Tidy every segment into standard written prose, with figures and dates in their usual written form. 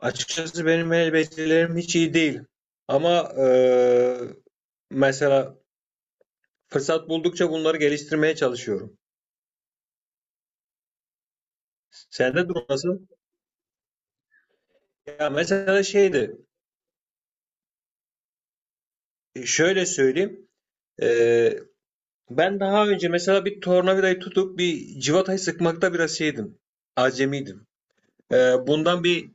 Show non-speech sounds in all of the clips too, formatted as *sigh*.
Açıkçası benim elbiselerim hiç iyi değil. Ama mesela fırsat buldukça bunları geliştirmeye çalışıyorum. Sende durum nasıl? Ya mesela şeydi, şöyle söyleyeyim. Eee, Ben daha önce mesela bir tornavidayı tutup bir civatayı sıkmakta biraz şeydim. Acemiydim. Bundan bir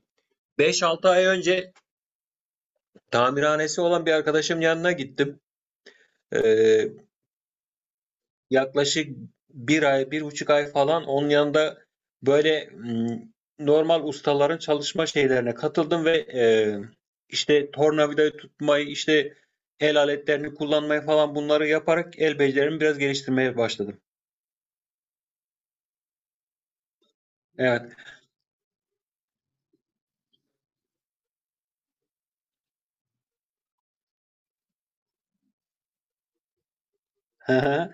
beş altı ay önce tamirhanesi olan bir arkadaşım yanına gittim. Eee Yaklaşık bir ay, 1,5 ay falan onun yanında böyle, normal ustaların çalışma şeylerine katıldım ve, işte tornavidayı tutmayı, işte el aletlerini kullanmayı falan bunları yaparak el becerilerimi biraz geliştirmeye başladım. Evet. *laughs*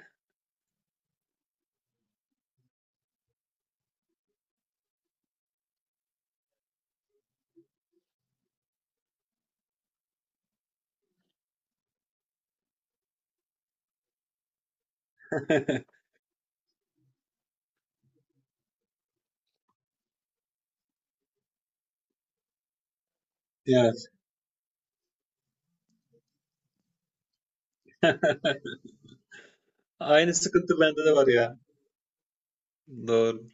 Evet. *laughs* Aynı sıkıntı bende de var ya. Doğru.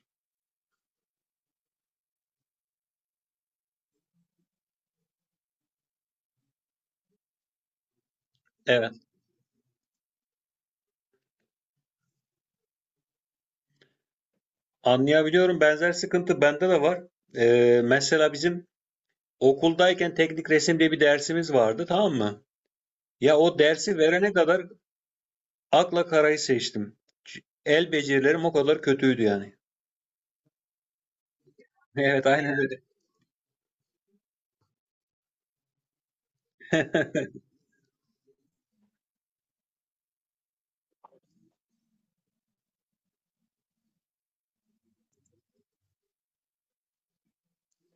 Evet. Anlayabiliyorum. Benzer sıkıntı bende de var. Mesela bizim okuldayken teknik resim diye bir dersimiz vardı, tamam mı? Ya o dersi verene kadar akla karayı seçtim. El becerilerim o kadar kötüydü yani. *laughs* Evet, aynen öyle.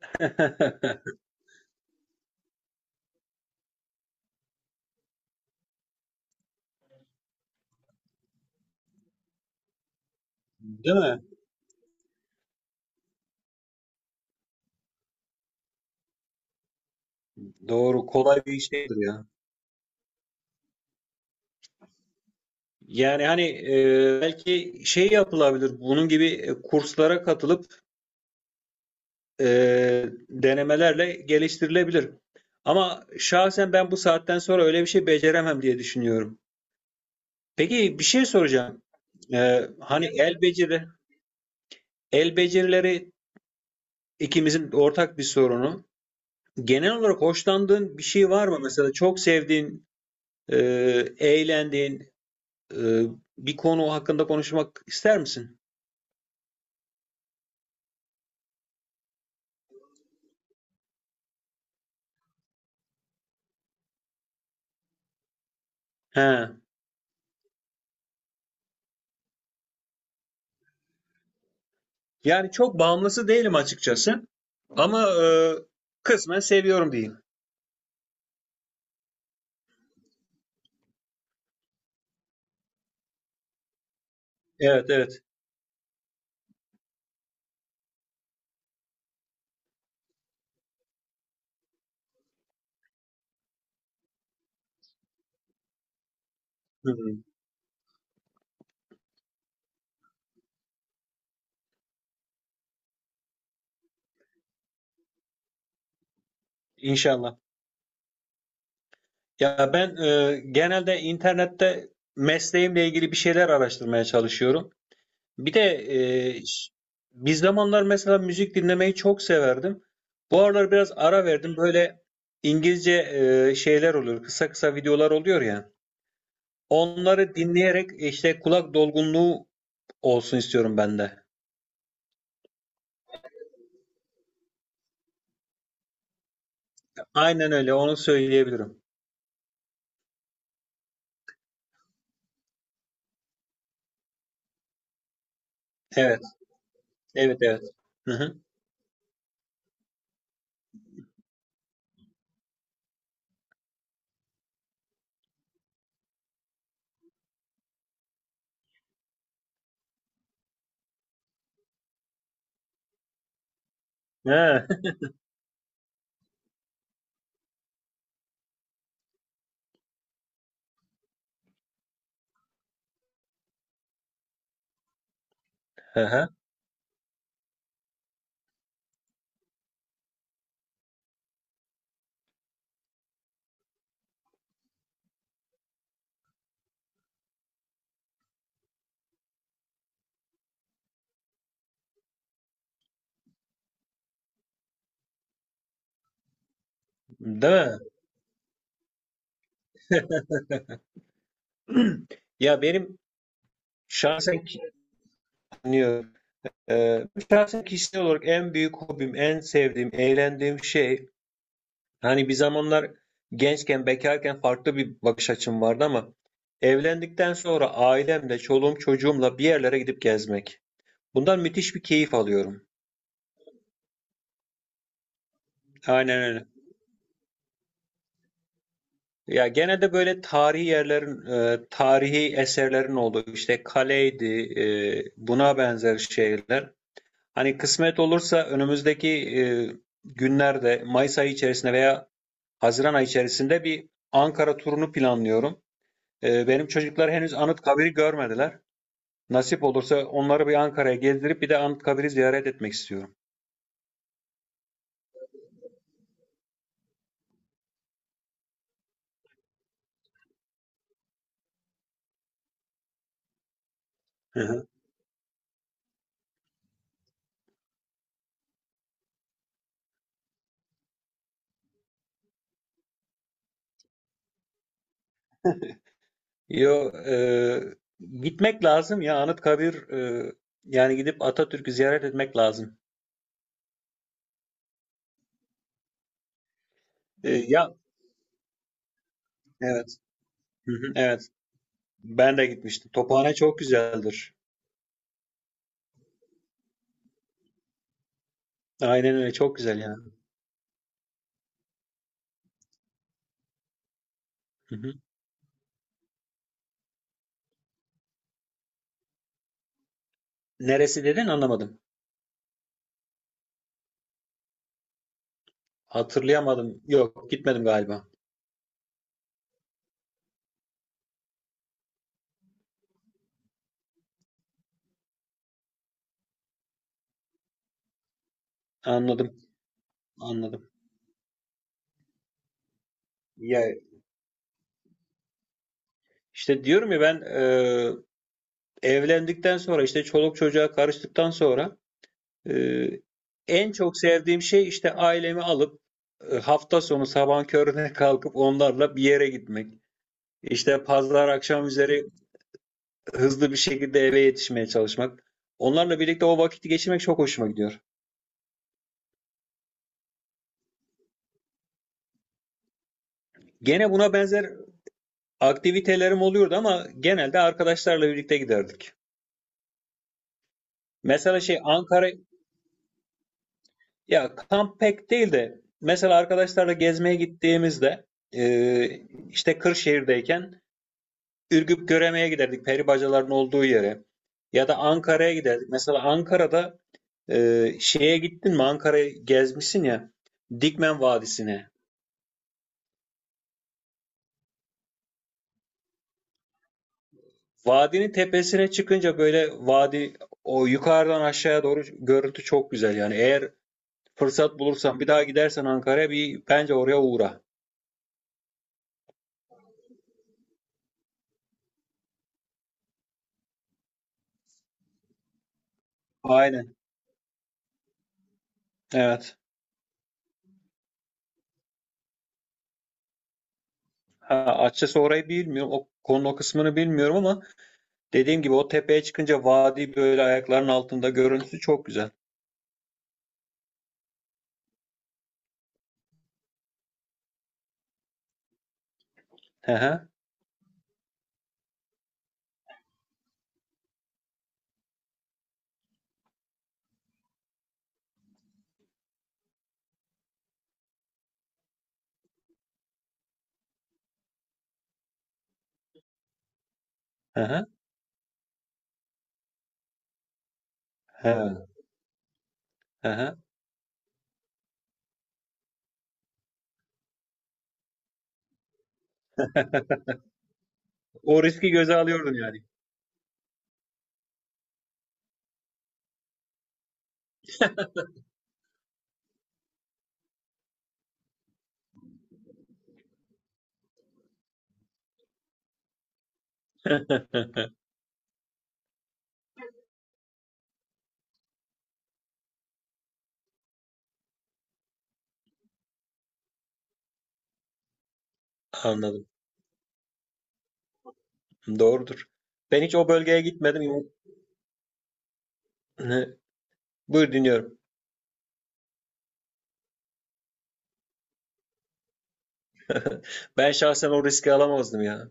*laughs* Değil mi? Doğru. Kolay bir iş değildir ya. Yani hani belki şey yapılabilir. Bunun gibi kurslara katılıp e, denemelerle geliştirilebilir. Ama şahsen ben bu saatten sonra öyle bir şey beceremem diye düşünüyorum. Peki bir şey soracağım. Hani el becerileri ikimizin ortak bir sorunu. Genel olarak hoşlandığın bir şey var mı? Mesela çok sevdiğin, eğlendiğin, eee, bir konu hakkında konuşmak ister misin? He. Yani çok bağımlısı değilim açıkçası. Ama kısmen seviyorum diyeyim. Evet, evet. Hı hı. İnşallah. Ya ben genelde internette mesleğimle ilgili bir şeyler araştırmaya çalışıyorum. Bir de e, bir zamanlar mesela müzik dinlemeyi çok severdim. Bu aralar biraz ara verdim. Böyle İngilizce şeyler oluyor. Kısa kısa videolar oluyor ya. Onları dinleyerek işte kulak dolgunluğu olsun istiyorum ben de. Aynen öyle. Onu söyleyebilirim. Evet. Evet, evet. Hı hı. Ha, hı hı. Değil mi? *clears throat* Ya benim şahsen ki- dinliyorum. Şahsen, kişisel olarak en büyük hobim, en sevdiğim, eğlendiğim şey, hani bir zamanlar gençken, bekarken farklı bir bakış açım vardı ama evlendikten sonra ailemle, çoluğum, çocuğumla bir yerlere gidip gezmek. Bundan müthiş bir keyif alıyorum. Aynen öyle. Ya genelde böyle tarihi yerlerin, tarihi eserlerin olduğu, işte kaleydi, buna benzer şeyler. Hani kısmet olursa önümüzdeki günlerde Mayıs ayı içerisinde veya Haziran ayı içerisinde bir Ankara turunu planlıyorum. Benim çocuklar henüz Anıtkabir'i görmediler. Nasip olursa onları bir Ankara'ya gezdirip bir de Anıtkabir'i ziyaret etmek istiyorum. Hı hı. Yo, gitmek lazım ya. Anıtkabir, yani gidip Atatürk'ü ziyaret etmek lazım. Ya evet. Hı hı, evet. Ben de gitmiştim. Tophane çok güzeldir. Aynen öyle, çok güzel yani. Hı hı. Neresi dedin, anlamadım. Hatırlayamadım. Yok, gitmedim galiba. Anladım. Anladım. Ya işte diyorum ya, ben evlendikten sonra, işte çoluk çocuğa karıştıktan sonra, e, en çok sevdiğim şey işte ailemi alıp hafta sonu sabah körüne *laughs* kalkıp onlarla bir yere gitmek. İşte pazar akşam üzeri hızlı bir şekilde eve yetişmeye çalışmak. Onlarla birlikte o vakiti geçirmek çok hoşuma gidiyor. Gene buna benzer aktivitelerim oluyordu ama genelde arkadaşlarla birlikte giderdik. Mesela şey Ankara Ya, kamp pek değil de mesela arkadaşlarla gezmeye gittiğimizde, e, işte Kırşehir'deyken Ürgüp Göreme'ye giderdik, peri bacaların olduğu yere. Ya da Ankara'ya giderdik. Mesela Ankara'da şeye gittin mi, Ankara'yı gezmişsin ya, Dikmen Vadisi'ne. Vadinin tepesine çıkınca böyle vadi, o yukarıdan aşağıya doğru görüntü çok güzel yani. Eğer fırsat bulursan, bir daha gidersen Ankara'ya, bir bence oraya uğra. Aynen. Evet. Ha, açıkçası orayı bilmiyorum. O konu, o kısmını bilmiyorum ama dediğim gibi o tepeye çıkınca vadi böyle ayaklarının altında, görüntüsü çok güzel. Hı hı, hı hı, hı hı. *laughs* O riski göze alıyordun yani. *laughs* Anladım. Doğrudur. Ben hiç o bölgeye gitmedim. *laughs* Buyur, dinliyorum. Ben şahsen o riski alamazdım ya.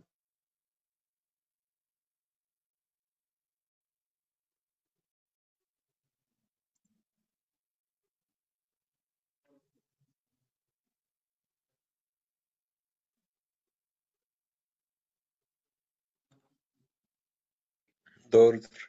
Doğrudur.